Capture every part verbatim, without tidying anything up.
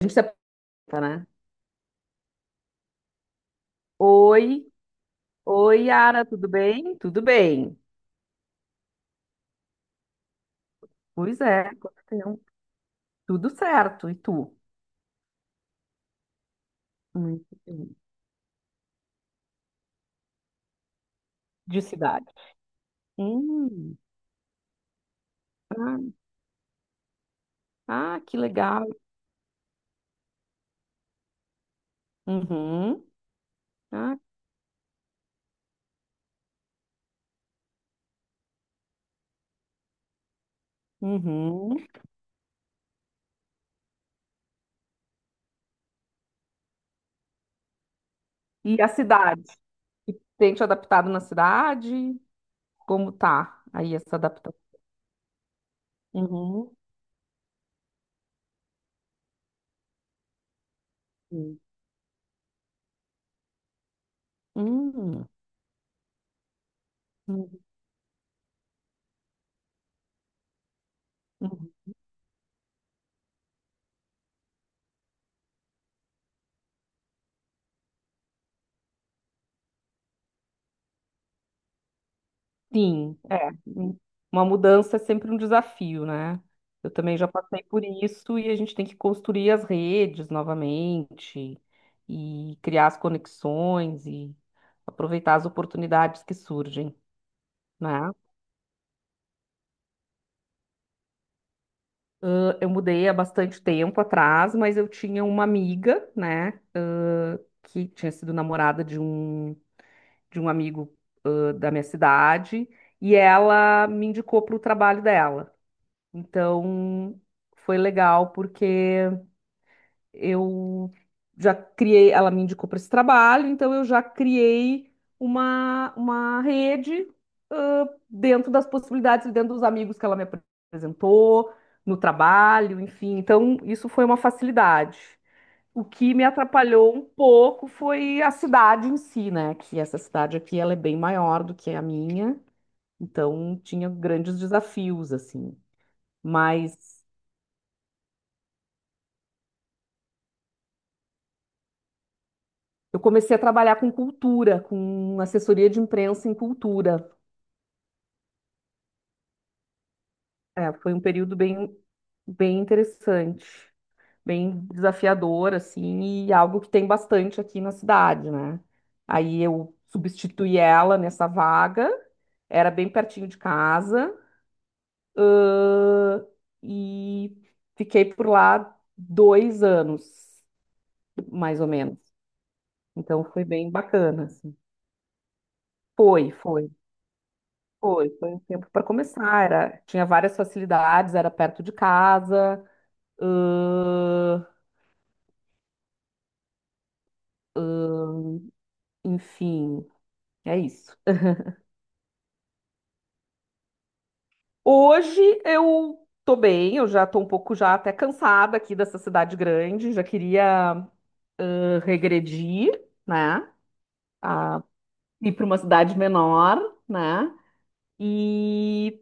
A gente se apresenta, né? Oi, oi, Yara, tudo bem? Tudo bem. Pois é, quanto tempo. Tudo certo. E tu? Muito bem. De cidade. Hum. Ah, ah, que legal. Uhum, ah, uhum. E a cidade? E tem te adaptado na cidade? Como tá aí essa adaptação? Uhum. Hum, uhum, uhum. Sim, é. Hum, Uma mudança é sempre um desafio, né? Eu também já passei por isso, e a gente tem que construir as redes novamente e criar as conexões e aproveitar as oportunidades que surgem, né? Eu mudei há bastante tempo atrás, mas eu tinha uma amiga, né, ãh, que tinha sido namorada de um, de um, amigo, ãh, da minha cidade, e ela me indicou para o trabalho dela. Então, foi legal porque eu já criei, ela me indicou para esse trabalho, então eu já criei uma, uma rede, ãh, dentro das possibilidades, dentro dos amigos que ela me apresentou, no trabalho, enfim. Então, isso foi uma facilidade. O que me atrapalhou um pouco foi a cidade em si, né? Que essa cidade aqui, ela é bem maior do que a minha, então tinha grandes desafios, assim. Mas Eu comecei a trabalhar com cultura, com assessoria de imprensa em cultura. É, foi um período bem, bem interessante, bem desafiador, assim, e algo que tem bastante aqui na cidade, né? Aí eu substituí ela nessa vaga, era bem pertinho de casa, ãh, e fiquei por lá dois anos, mais ou menos. Então foi bem bacana, assim. Foi, foi. Foi, foi, um tempo para começar. Era, tinha várias facilidades, era perto de casa, ãh, enfim, é isso. Hoje eu tô bem, eu já tô um pouco já até cansada aqui dessa cidade grande, já queria ãh, regredir, né? A Ir para uma cidade menor, né? E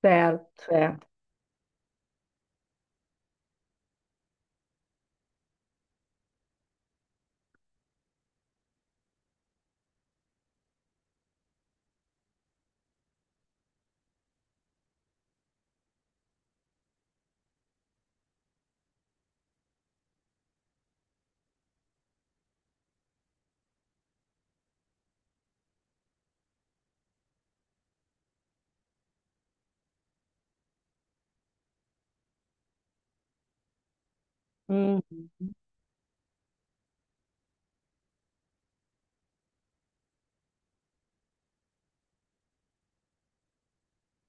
certo, é. hum,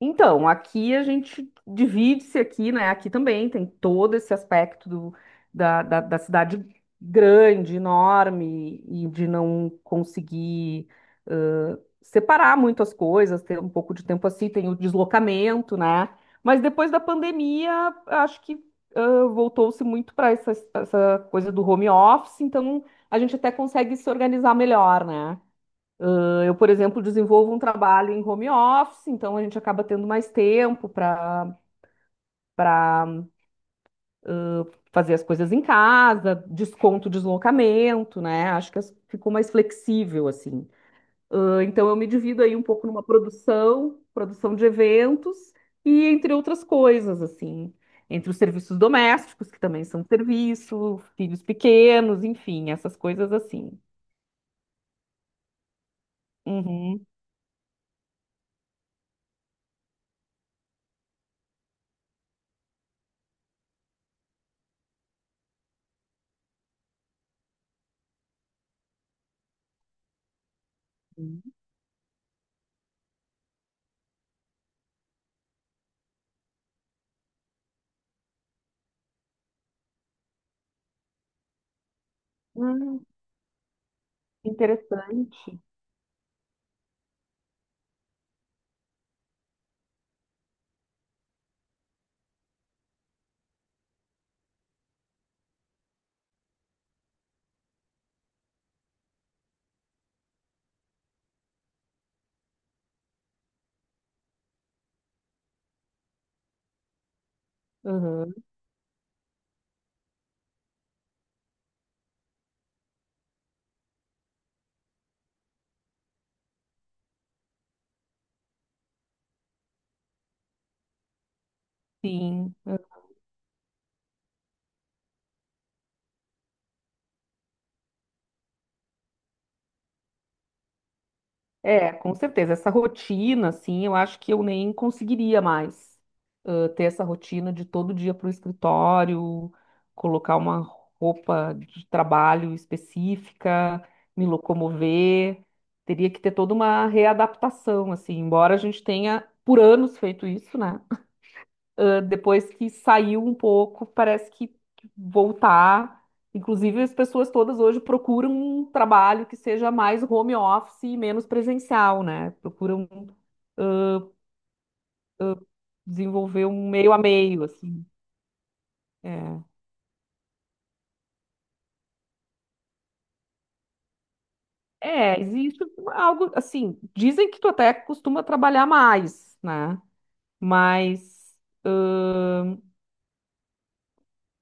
Então, aqui a gente divide-se aqui, né? Aqui também tem todo esse aspecto do- da, da, da cidade grande, enorme, e de não conseguir ãh, separar muito as coisas, ter um pouco de tempo assim, tem o deslocamento, né? Mas depois da pandemia, acho que ãh, voltou-se muito para essa, essa, coisa do home office, então a gente até consegue se organizar melhor, né? Eu, por exemplo, desenvolvo um trabalho em home office, então a gente acaba tendo mais tempo para para fazer as coisas em casa, desconto deslocamento, né? Acho que ficou mais flexível assim. Ah, então eu me divido aí um pouco numa produção, produção de eventos e entre outras coisas assim, entre os serviços domésticos, que também são serviço, filhos pequenos, enfim, essas coisas assim. Uhum. Hum, interessante. Uhum, sim. É, com certeza. Essa rotina, assim, eu acho que eu nem conseguiria mais ah, ter essa rotina de todo dia para o escritório, colocar uma roupa de trabalho específica, me locomover. Teria que ter toda uma readaptação, assim, embora a gente tenha por anos feito isso, né? ah, depois que saiu um pouco, parece que que voltar. Inclusive, as pessoas todas hoje procuram um trabalho que seja mais home office e menos presencial, né? Procuram desenvolver um meio a meio, assim. É. É, existe algo assim. Dizem que tu até costuma trabalhar mais, né? Mas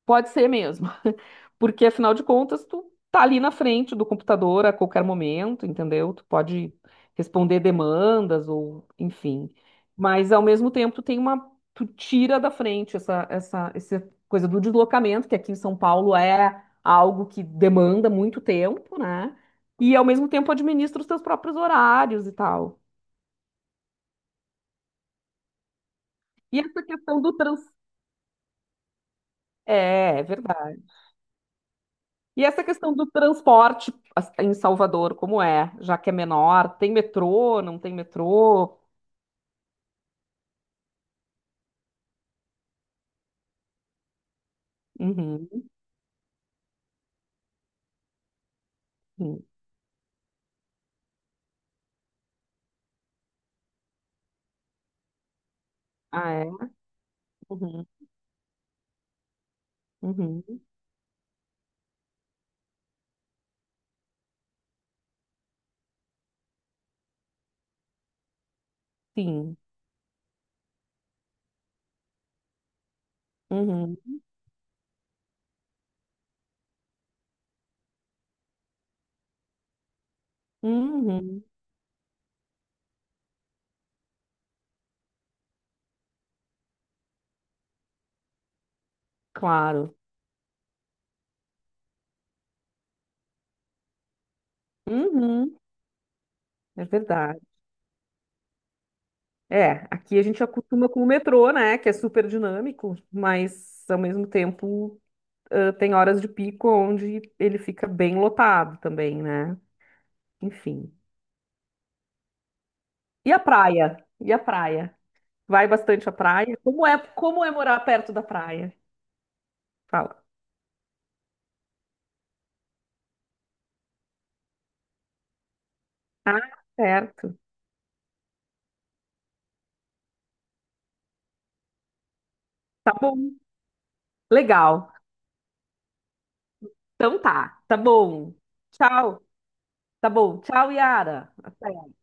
Pode ser mesmo. Porque afinal de contas, tu tá ali na frente do computador a qualquer momento, entendeu? Tu pode responder demandas ou enfim. Mas ao mesmo tempo, tu tem uma tu tira da frente essa essa essa coisa do deslocamento, que aqui em São Paulo é algo que demanda muito tempo, né? E ao mesmo tempo administra os teus próprios horários e tal. E essa questão do trans... É é verdade. E essa questão do transporte as- em Salvador, como é? Já que é menor, tem metrô, não tem metrô? Uhum, uhum. Ah, é? Uhum, uhum. Sim. Uhum, uhum. Claro. Uhum. É verdade. É, aqui a gente acostuma com o metrô, né? Que é super dinâmico, mas ao mesmo tempo ãh, tem horas de pico onde ele fica bem lotado também, né? Enfim. E a praia? E a praia? Vai bastante à praia? Como é, como é morar perto da praia? Fala. Ah, certo. Tá bom. Legal. Então tá. Tá bom. Tchau. Tá bom. Tchau, Yara. Até.